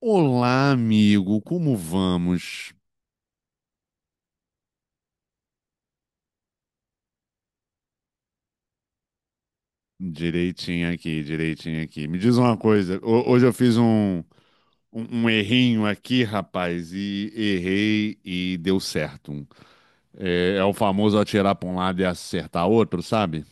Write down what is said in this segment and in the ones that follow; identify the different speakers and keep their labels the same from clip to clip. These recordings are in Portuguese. Speaker 1: Olá, amigo, como vamos? Direitinho aqui, direitinho aqui. Me diz uma coisa, hoje eu fiz um errinho aqui, rapaz, e errei e deu certo. É o famoso atirar para um lado e acertar outro, sabe?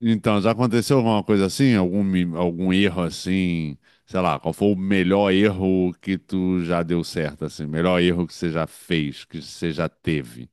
Speaker 1: Então, já aconteceu alguma coisa assim? Algum erro assim? Sei lá, qual foi o melhor erro que tu já deu certo, assim? Melhor erro que você já fez, que você já teve?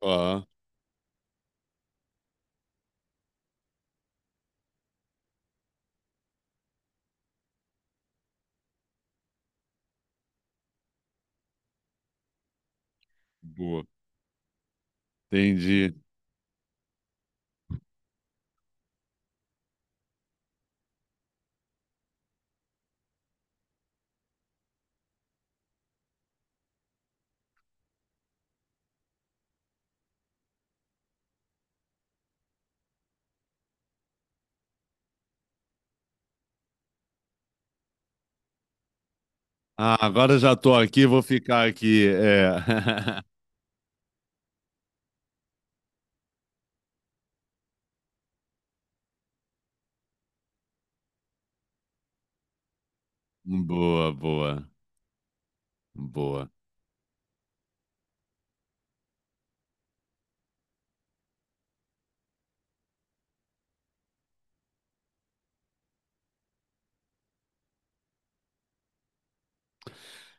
Speaker 1: Ó, boa. Entendi. Ah, agora já tô aqui, vou ficar aqui. É. Boa, boa, boa.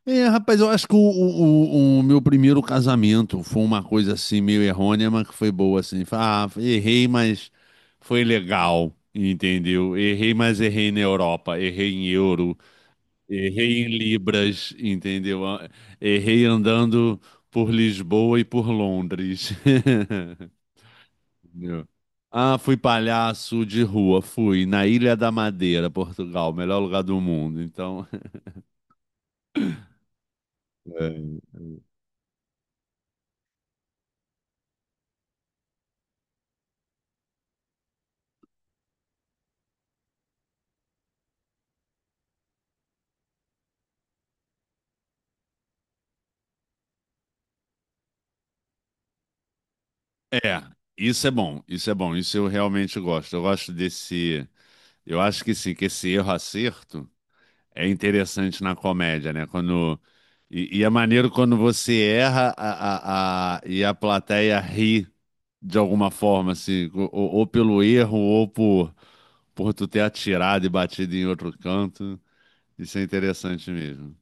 Speaker 1: É, rapaz, eu acho que o meu primeiro casamento foi uma coisa assim meio errônea, mas que foi boa assim. Ah, errei, mas foi legal, entendeu? Errei, mas errei na Europa, errei em euro, errei em Libras, entendeu? Errei andando por Lisboa e por Londres. Entendeu? Ah, fui palhaço de rua, fui na Ilha da Madeira, Portugal, o melhor lugar do mundo. Então, é, É, isso é bom, isso é bom, isso eu realmente gosto. Eu gosto desse, eu acho que sim, que esse erro acerto é interessante na comédia, né? Quando e é maneiro quando você erra e a plateia ri de alguma forma, assim, ou pelo erro ou por tu ter atirado e batido em outro canto. Isso é interessante mesmo.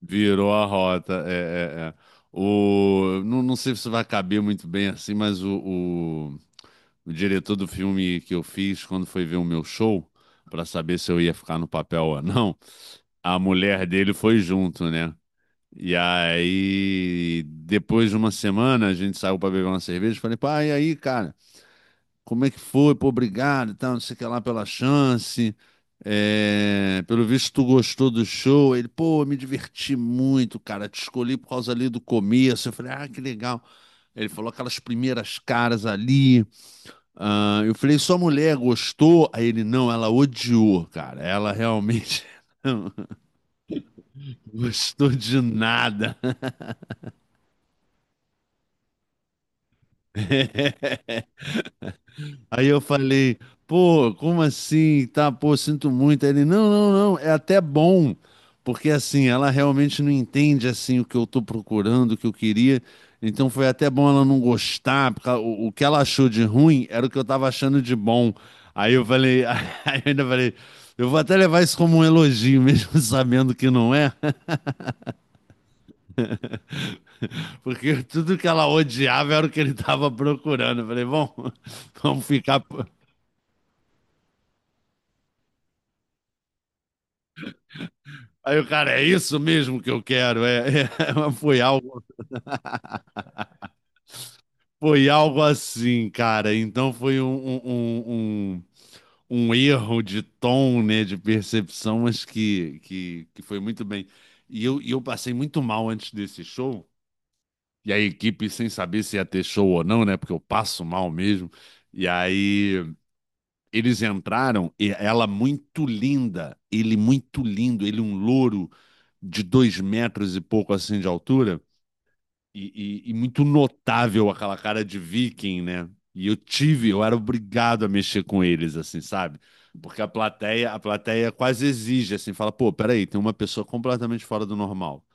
Speaker 1: Virou a rota. É, é, é. O, não, não sei se vai caber muito bem assim, mas o o diretor do filme que eu fiz, quando foi ver o meu show para saber se eu ia ficar no papel ou não. A mulher dele foi junto, né? E aí, depois de uma semana, a gente saiu para beber uma cerveja. Falei, pai, e aí, cara, como é que foi? Pô, obrigado, e tal, não sei o que lá pela chance. É, pelo visto, tu gostou do show. Ele, pô, eu me diverti muito, cara. Te escolhi por causa ali do começo. Eu falei, ah, que legal. Ele falou aquelas primeiras caras ali. Ah, eu falei, sua mulher gostou? Aí ele, não, ela odiou, cara. Ela realmente. Gostou de nada. Aí eu falei, pô, como assim? Tá, pô, sinto muito. Aí ele, não, não, não, é até bom. Porque assim, ela realmente não entende assim o que eu tô procurando, o que eu queria. Então foi até bom ela não gostar, porque o que ela achou de ruim era o que eu tava achando de bom. Aí eu falei, aí eu ainda falei, eu vou até levar isso como um elogio, mesmo sabendo que não é. Porque tudo que ela odiava era o que ele estava procurando. Eu falei, bom, vamos ficar. Aí o cara, é isso mesmo que eu quero. É, é, é, foi algo assim, cara. Então foi um, um, um um erro de tom, né, de percepção, mas que foi muito bem. E eu passei muito mal antes desse show. E a equipe, sem saber se ia ter show ou não, né? Porque eu passo mal mesmo. E aí eles entraram, e ela muito linda, ele muito lindo, ele um louro de 2 metros e pouco assim de altura, e muito notável aquela cara de viking, né? E eu tive, eu era obrigado a mexer com eles, assim, sabe? Porque a plateia quase exige, assim, fala, pô, peraí, tem uma pessoa completamente fora do normal,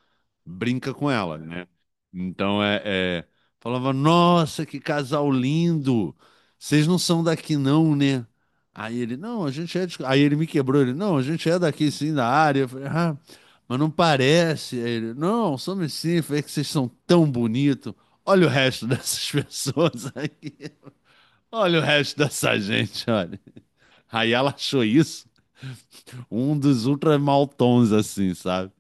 Speaker 1: brinca com ela, né? Então é, falava, nossa, que casal lindo! Vocês não são daqui, não, né? Aí ele, não, a gente é. Aí ele me quebrou, ele, não, a gente é daqui, sim, da área. Eu falei, ah, mas não parece. Aí ele, não, somos sim. Eu falei: "É que vocês são tão bonitos. Olha o resto dessas pessoas aqui. Olha o resto dessa gente, olha." Aí ela achou isso um dos ultra maltons, assim, sabe?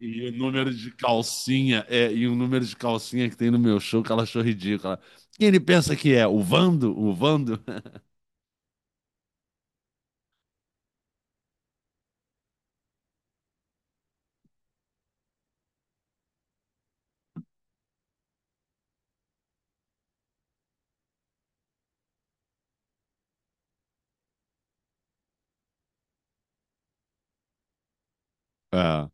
Speaker 1: E o número de calcinha, e o número de calcinha que tem no meu show, que ela achou ridícula. Quem ele pensa que é? O Vando? O Vando? É,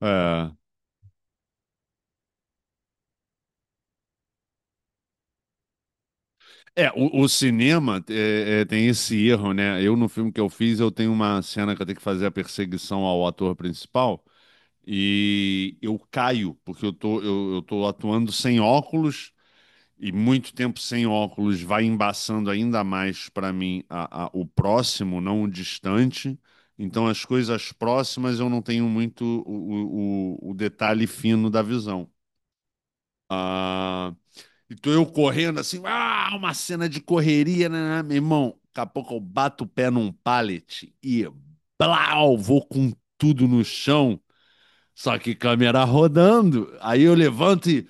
Speaker 1: é. É, o cinema tem esse erro, né? Eu, no filme que eu fiz, eu tenho uma cena que eu tenho que fazer a perseguição ao ator principal, e eu caio, porque eu tô atuando sem óculos, e muito tempo sem óculos vai embaçando ainda mais para mim o próximo, não o distante. Então, as coisas próximas eu não tenho muito o detalhe fino da visão. Ah, então, eu correndo assim, ah, uma cena de correria, né, né, né." Meu irmão? Daqui a pouco eu bato o pé num pallet e blau, vou com tudo no chão, só que câmera rodando. Aí eu levanto, e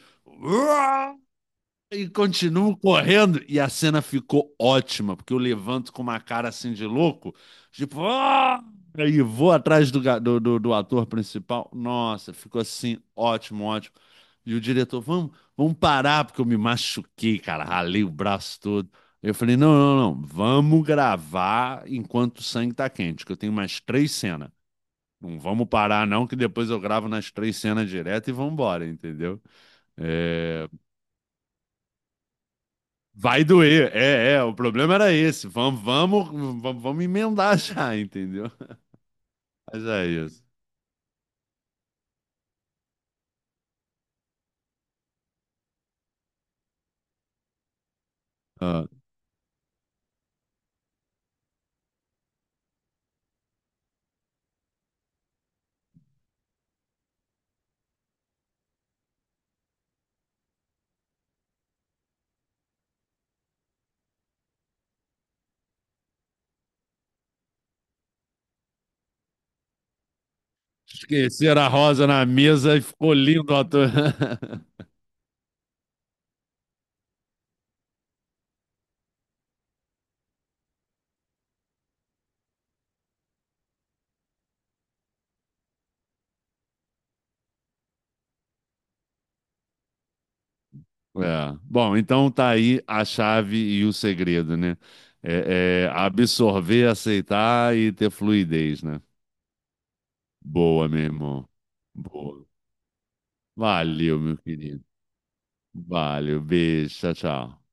Speaker 1: E continuo correndo. E a cena ficou ótima, porque eu levanto com uma cara assim de louco, tipo, "Ah!", e vou atrás do, ga- do, do, do ator principal. Nossa, ficou assim, ótimo, ótimo. E o diretor, vamos parar, porque eu me machuquei, cara, ralei o braço todo. Eu falei, não, não, não, vamos gravar enquanto o sangue tá quente, que eu tenho mais 3 cenas. Não vamos parar, não, que depois eu gravo nas 3 cenas direto e vamos embora, entendeu? É. Vai doer. É, é, o problema era esse. Vamos, vamos, vamos, vamos emendar já, entendeu? Mas é isso. Ah. Esqueceram a rosa na mesa e ficou lindo a É. Bom, então tá aí a chave e o segredo, né? É, é absorver, aceitar e ter fluidez, né? Boa, meu irmão. Boa. Valeu, meu querido. Valeu, beijo, tchau, tchau.